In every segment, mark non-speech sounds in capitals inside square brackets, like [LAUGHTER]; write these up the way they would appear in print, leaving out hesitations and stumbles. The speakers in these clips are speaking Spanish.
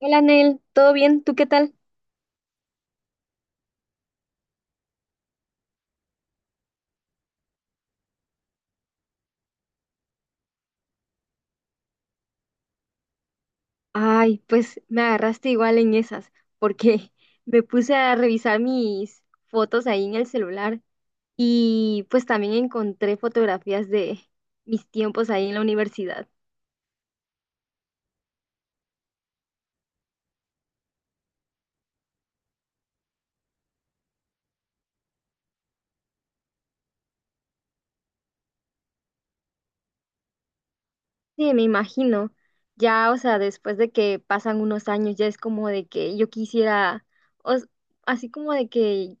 Hola, Nel, ¿todo bien? ¿Tú qué tal? Ay, pues me agarraste igual en esas, porque [LAUGHS] me puse a revisar mis fotos ahí en el celular y pues también encontré fotografías de mis tiempos ahí en la universidad. Sí, me imagino. Ya, o sea, después de que pasan unos años, ya es como de que yo quisiera, o s- así como de que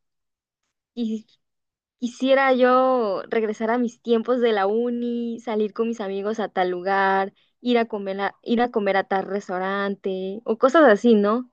quisiera yo regresar a mis tiempos de la uni, salir con mis amigos a tal lugar, ir a comer a tal restaurante o cosas así, ¿no?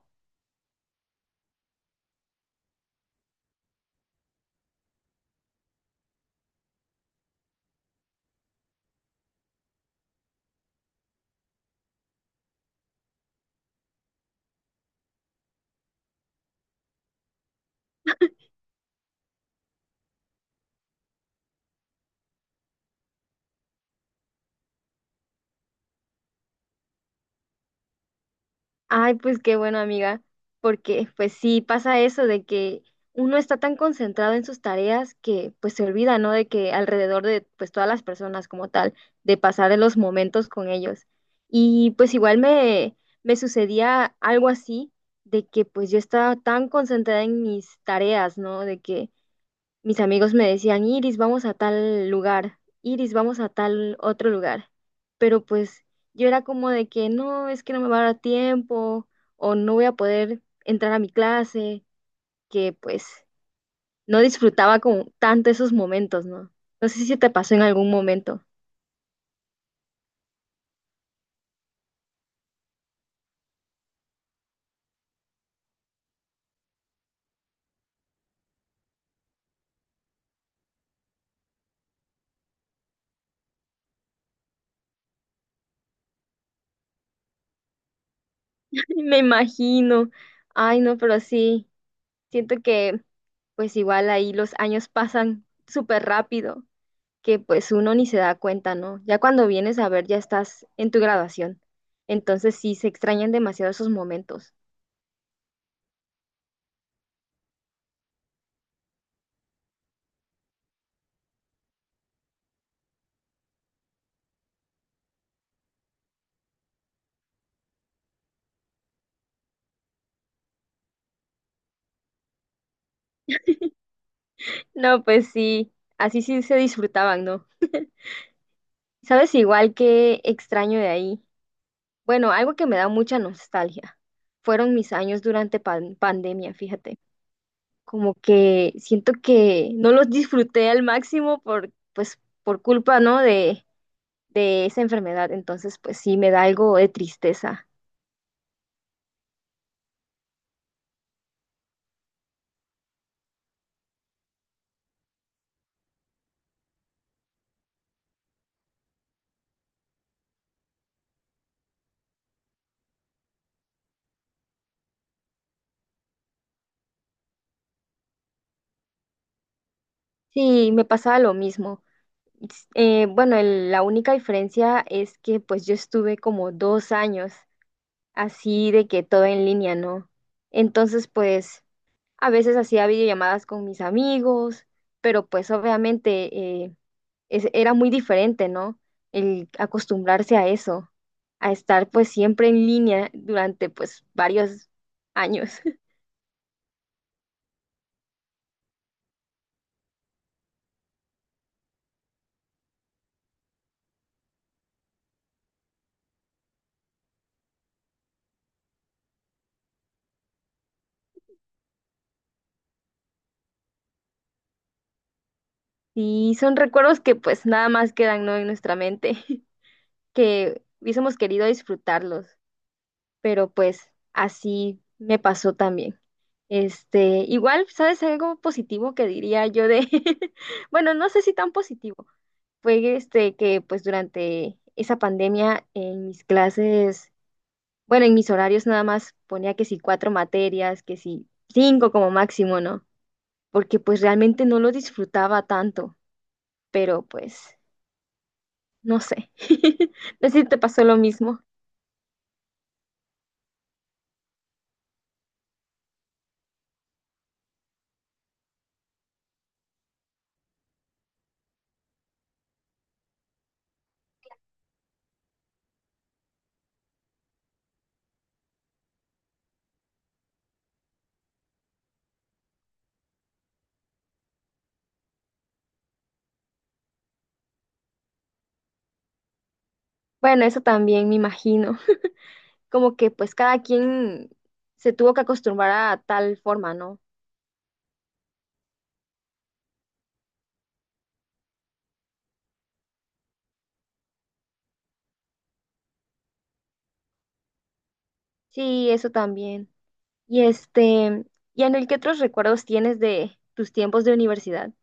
Ay, pues qué bueno, amiga, porque pues sí pasa eso de que uno está tan concentrado en sus tareas que pues se olvida, ¿no? De que alrededor de pues todas las personas como tal, de pasar los momentos con ellos. Y pues me sucedía algo así, de que pues yo estaba tan concentrada en mis tareas, ¿no? De que mis amigos me decían, Iris, vamos a tal lugar, Iris, vamos a tal otro lugar. Pero pues yo era como de que no, es que no me va a dar tiempo o no voy a poder entrar a mi clase, que pues no disfrutaba como tanto esos momentos, ¿no? No sé si te pasó en algún momento. [LAUGHS] Me imagino. Ay, no, pero sí, siento que pues igual ahí los años pasan súper rápido, que pues uno ni se da cuenta, ¿no? Ya cuando vienes a ver, ya estás en tu graduación. Entonces sí, se extrañan demasiado esos momentos. No, pues sí, así sí se disfrutaban, ¿no? ¿Sabes igual que extraño de ahí? Bueno, algo que me da mucha nostalgia. Fueron mis años durante pandemia, fíjate. Como que siento que no los disfruté al máximo por, pues, por culpa, ¿no? De esa enfermedad. Entonces, pues sí, me da algo de tristeza. Sí, me pasaba lo mismo. Bueno, la única diferencia es que pues yo estuve como dos años así de que todo en línea, ¿no? Entonces pues a veces hacía videollamadas con mis amigos, pero pues obviamente era muy diferente, ¿no? El acostumbrarse a eso, a estar pues siempre en línea durante pues varios años. [LAUGHS] Y son recuerdos que pues nada más quedan, ¿no? En nuestra mente, [LAUGHS] que hubiésemos querido disfrutarlos, pero pues así me pasó también. Igual, ¿sabes algo positivo que diría yo de, [LAUGHS] bueno, no sé si tan positivo, fue este que pues durante esa pandemia en mis clases, bueno, en mis horarios nada más ponía que si cuatro materias, que si cinco como máximo, ¿no? Porque pues realmente no lo disfrutaba tanto, pero pues, no sé, [LAUGHS] no sé si te pasó lo mismo. Bueno, eso también me imagino, como que pues cada quien se tuvo que acostumbrar a tal forma, ¿no? Sí, eso también. Y este, ¿Y Anel, qué otros recuerdos tienes de tus tiempos de universidad?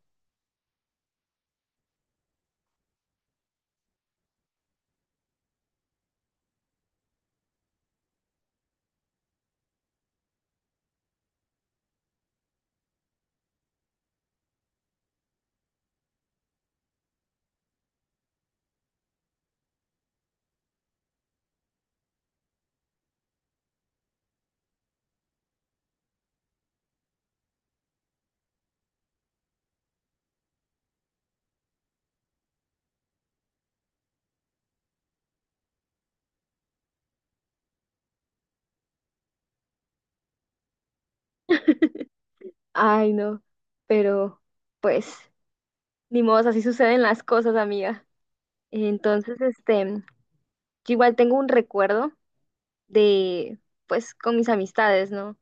Ay, no, pero pues ni modo, así suceden las cosas, amiga. Entonces, yo igual tengo un recuerdo de, pues, con mis amistades, ¿no?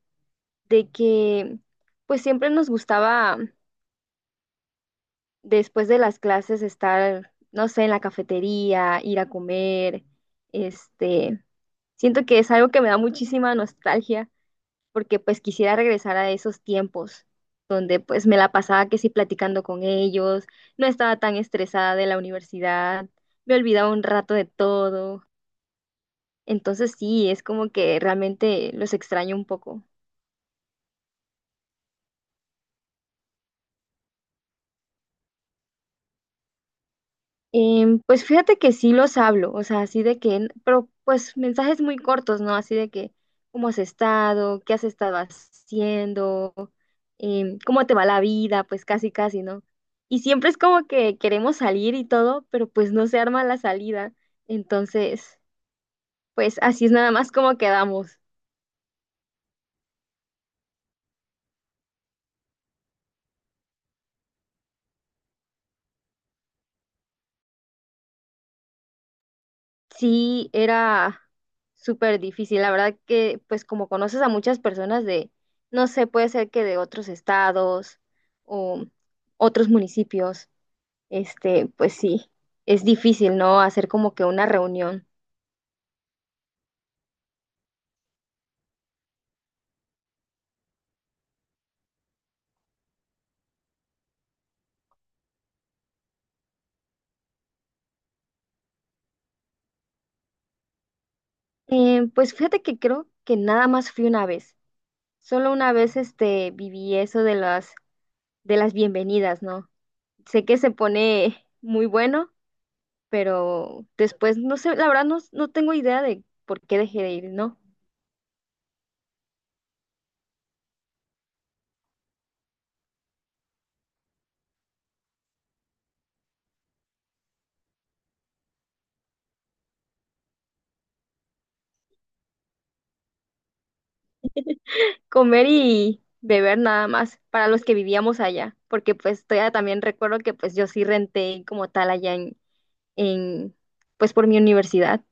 De que, pues, siempre nos gustaba después de las clases estar, no sé, en la cafetería, ir a comer, este, siento que es algo que me da muchísima nostalgia porque pues quisiera regresar a esos tiempos donde pues me la pasaba que sí platicando con ellos, no estaba tan estresada de la universidad, me olvidaba un rato de todo. Entonces sí, es como que realmente los extraño un poco. Pues fíjate que sí los hablo, o sea, así de que, pero pues mensajes muy cortos, ¿no? Así de que, ¿cómo has estado? ¿Qué has estado haciendo? ¿Cómo te va la vida? Pues casi, casi, ¿no? Y siempre es como que queremos salir y todo, pero pues no se arma la salida. Entonces, pues así es nada más como quedamos. Sí, era súper difícil. La verdad que, pues como conoces a muchas personas de, no sé, puede ser que de otros estados o otros municipios, pues sí, es difícil, ¿no? Hacer como que una reunión. Pues fíjate que creo que nada más fui una vez. Solo una vez, viví eso de de las bienvenidas, ¿no? Sé que se pone muy bueno, pero después, no sé, la verdad no, no tengo idea de por qué dejé de ir, ¿no? Comer y beber nada más para los que vivíamos allá, porque pues todavía también recuerdo que pues yo sí renté como tal allá en pues por mi universidad.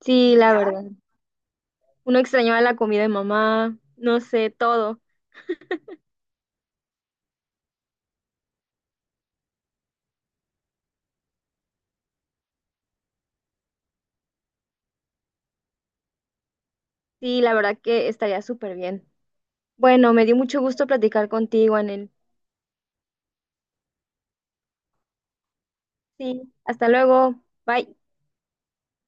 Sí, la verdad. Uno extrañaba la comida de mamá, no sé, todo. Sí, la verdad que estaría súper bien. Bueno, me dio mucho gusto platicar contigo, Anel. Sí, hasta luego. Bye.